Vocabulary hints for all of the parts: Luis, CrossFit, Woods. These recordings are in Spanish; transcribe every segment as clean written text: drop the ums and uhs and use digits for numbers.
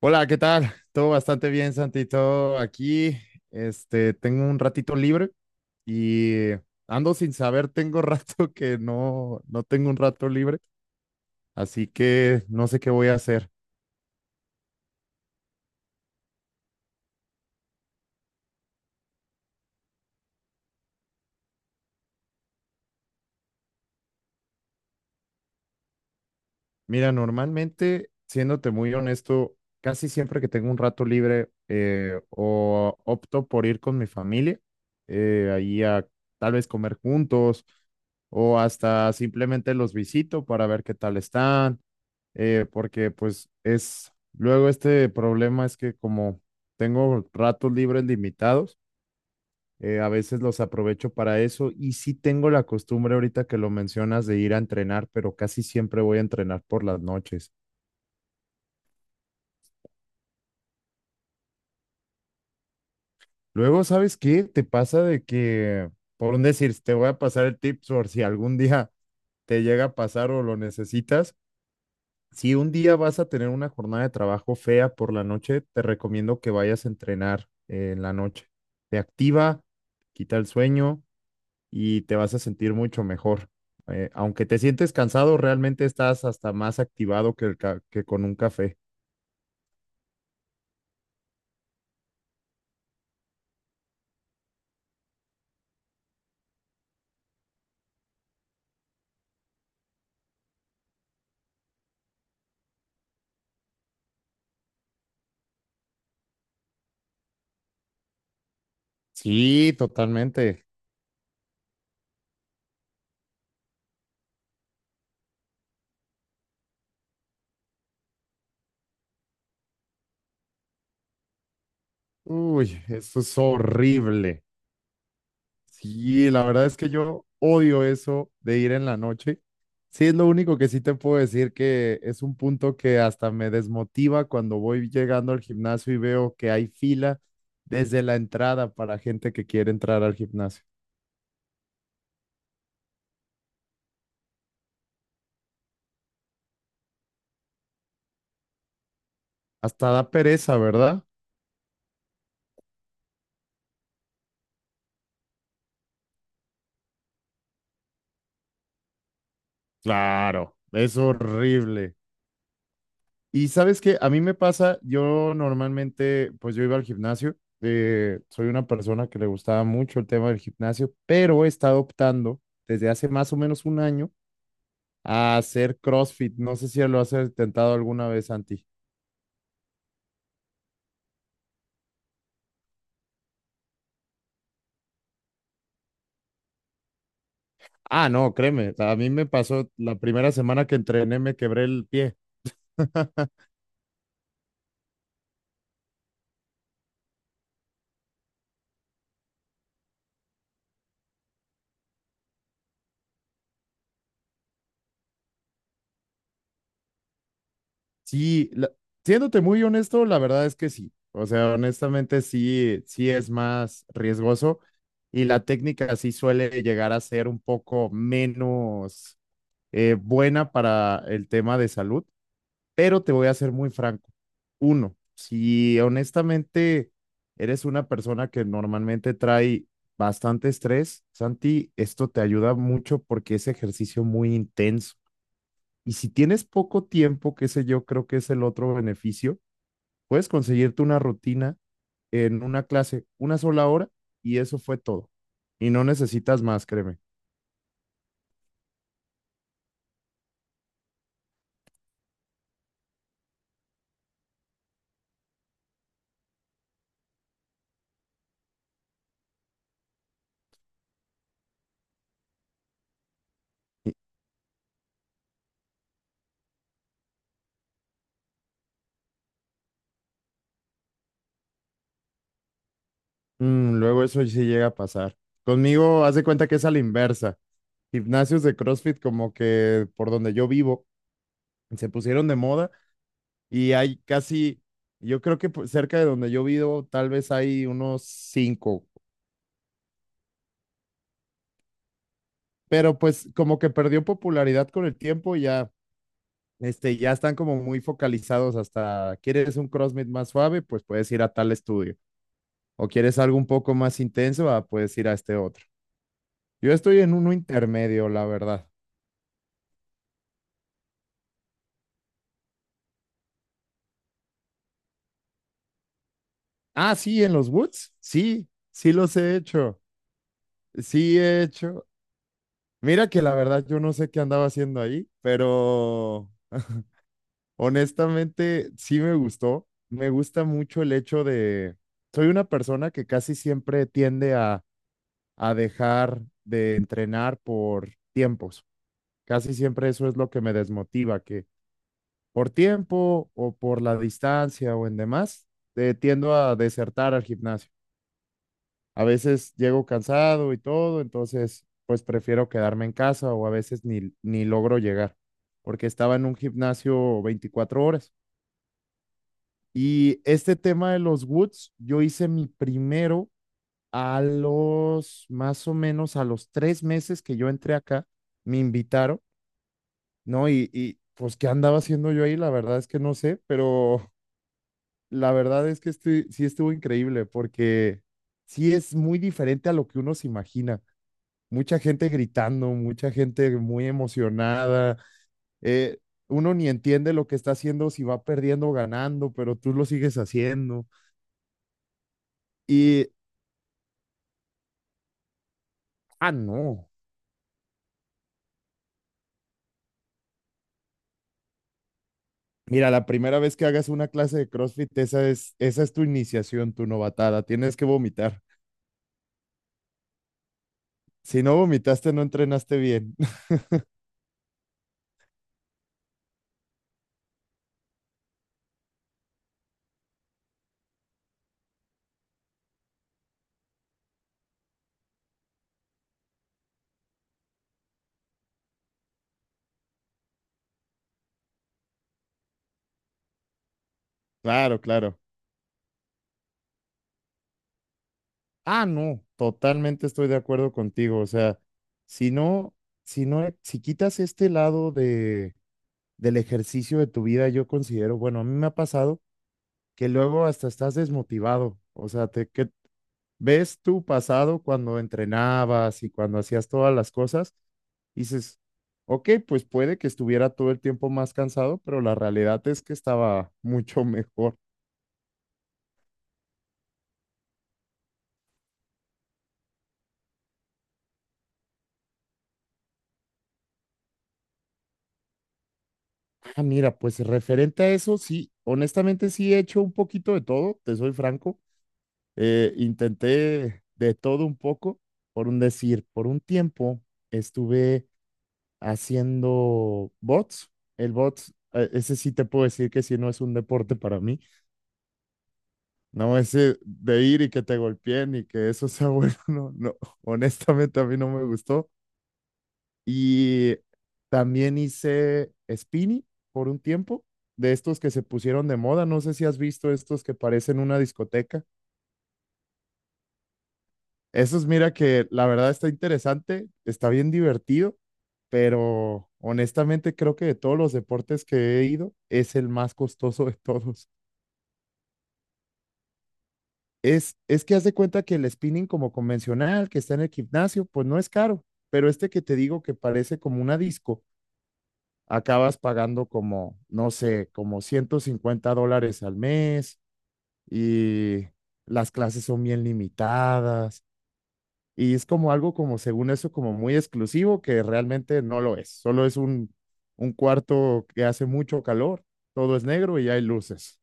Hola, ¿qué tal? Todo bastante bien, Santi. Todo aquí. Tengo un ratito libre y ando sin saber, tengo rato que no tengo un rato libre, así que no sé qué voy a hacer. Mira, normalmente, siéndote muy honesto, casi siempre que tengo un rato libre, o opto por ir con mi familia, ahí a tal vez comer juntos o hasta simplemente los visito para ver qué tal están, porque pues es, luego este problema es que como tengo ratos libres limitados, a veces los aprovecho para eso y sí tengo la costumbre ahorita que lo mencionas de ir a entrenar, pero casi siempre voy a entrenar por las noches. Luego, ¿sabes qué? Te pasa de que, por un decir, te voy a pasar el tip por si algún día te llega a pasar o lo necesitas. Si un día vas a tener una jornada de trabajo fea por la noche, te recomiendo que vayas a entrenar en la noche. Te activa, quita el sueño y te vas a sentir mucho mejor. Aunque te sientes cansado, realmente estás hasta más activado que con un café. Sí, totalmente. Uy, eso es horrible. Sí, la verdad es que yo odio eso de ir en la noche. Sí, es lo único que sí te puedo decir que es un punto que hasta me desmotiva cuando voy llegando al gimnasio y veo que hay fila desde la entrada para gente que quiere entrar al gimnasio. Hasta da pereza, ¿verdad? Claro, es horrible. Y sabes que a mí me pasa, yo normalmente, pues yo iba al gimnasio, soy una persona que le gustaba mucho el tema del gimnasio, pero he estado optando desde hace más o menos un año a hacer CrossFit. No sé si lo has intentado alguna vez, Santi. Ah, no, créeme, o sea, a mí me pasó la primera semana que entrené, me quebré el pie. Sí, siéndote muy honesto, la verdad es que sí. O sea, honestamente sí, sí es más riesgoso y la técnica sí suele llegar a ser un poco menos, buena para el tema de salud, pero te voy a ser muy franco. Uno, si honestamente eres una persona que normalmente trae bastante estrés, Santi, esto te ayuda mucho porque es ejercicio muy intenso. Y si tienes poco tiempo, que sé yo, creo que es el otro beneficio, puedes conseguirte una rutina en una clase, una sola hora, y eso fue todo. Y no necesitas más, créeme. Y, Luego eso sí llega a pasar. Conmigo, haz de cuenta que es a la inversa. Gimnasios de CrossFit, como que por donde yo vivo, se pusieron de moda y hay casi, yo creo que cerca de donde yo vivo, tal vez hay unos cinco, pero pues como que perdió popularidad con el tiempo y ya. Ya están como muy focalizados hasta, ¿quieres un CrossFit más suave? Pues puedes ir a tal estudio. ¿O quieres algo un poco más intenso? Ah, puedes ir a este otro. Yo estoy en uno intermedio, la verdad. Ah, sí, en los Woods. Sí, sí los he hecho. Sí he hecho. Mira que la verdad yo no sé qué andaba haciendo ahí, pero honestamente sí me gustó. Me gusta mucho el hecho de... Soy una persona que casi siempre tiende a dejar de entrenar por tiempos. Casi siempre eso es lo que me desmotiva, que por tiempo o por la distancia o en demás, tiendo a desertar al gimnasio. A veces llego cansado y todo, entonces pues prefiero quedarme en casa o a veces ni logro llegar, porque estaba en un gimnasio 24 horas. Y este tema de los Woods, yo hice mi primero. A los más o menos a los 3 meses que yo entré acá, me invitaron, ¿no? Y, pues, ¿qué andaba haciendo yo ahí? La verdad es que no sé, pero la verdad es que sí estuvo increíble porque sí es muy diferente a lo que uno se imagina. Mucha gente gritando, mucha gente muy emocionada. eh, Uno ni entiende lo que está haciendo, si va perdiendo o ganando, pero tú lo sigues haciendo. Y, ah, no. Mira, la primera vez que hagas una clase de CrossFit, esa es tu iniciación, tu novatada. Tienes que vomitar. Si no vomitaste, no entrenaste bien. Claro, claro. Ah, no, totalmente estoy de acuerdo contigo. O sea, si no, si no, si quitas este lado de, del ejercicio de tu vida, yo considero, bueno, a mí me ha pasado que luego hasta estás desmotivado. O sea, que ves tu pasado cuando entrenabas y cuando hacías todas las cosas, y dices, ok, pues puede que estuviera todo el tiempo más cansado, pero la realidad es que estaba mucho mejor. Ah, mira, pues referente a eso, sí, honestamente sí he hecho un poquito de todo, te soy franco, intenté de todo un poco, por un decir, por un tiempo estuve haciendo bots, el bots. Ese sí te puedo decir que sí no es un deporte para mí. No es de ir y que te golpeen y que eso sea bueno, no, no, honestamente a mí no me gustó. Y también hice spinning por un tiempo, de estos que se pusieron de moda, no sé si has visto estos que parecen una discoteca. Esos, mira que la verdad está interesante, está bien divertido, pero honestamente creo que de todos los deportes que he ido, es el más costoso de todos. Es que haz de cuenta que el spinning como convencional que está en el gimnasio, pues no es caro, pero este que te digo que parece como una disco, acabas pagando como, no sé, como $150 al mes y las clases son bien limitadas y es como algo como, según eso, como muy exclusivo que realmente no lo es, solo es un cuarto que hace mucho calor, todo es negro y hay luces.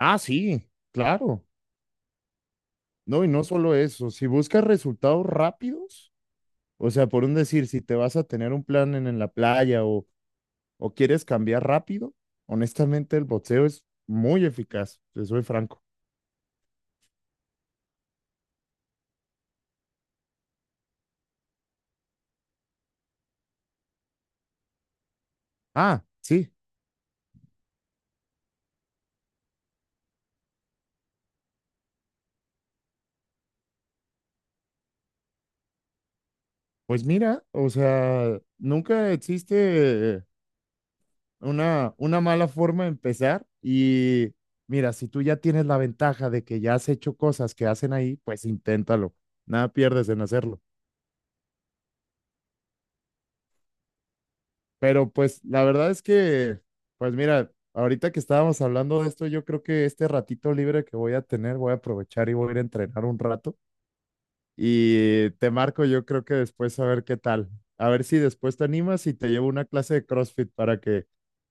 Ah, sí, claro. No, y no solo eso, si buscas resultados rápidos, o sea, por un decir, si te vas a tener un plan en la playa o quieres cambiar rápido, honestamente el boxeo es muy eficaz, te soy franco. Ah, sí, pues mira, o sea, nunca existe una mala forma de empezar y mira, si tú ya tienes la ventaja de que ya has hecho cosas que hacen ahí, pues inténtalo, nada pierdes en hacerlo. Pero pues la verdad es que, pues mira, ahorita que estábamos hablando de esto, yo creo que este ratito libre que voy a tener, voy a aprovechar y voy a ir a entrenar un rato. Y te marco, yo creo que después a ver qué tal. A ver si después te animas y te llevo una clase de CrossFit para que,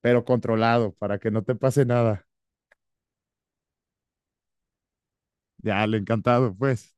pero controlado, para que no te pase nada. Ya, le encantado, pues.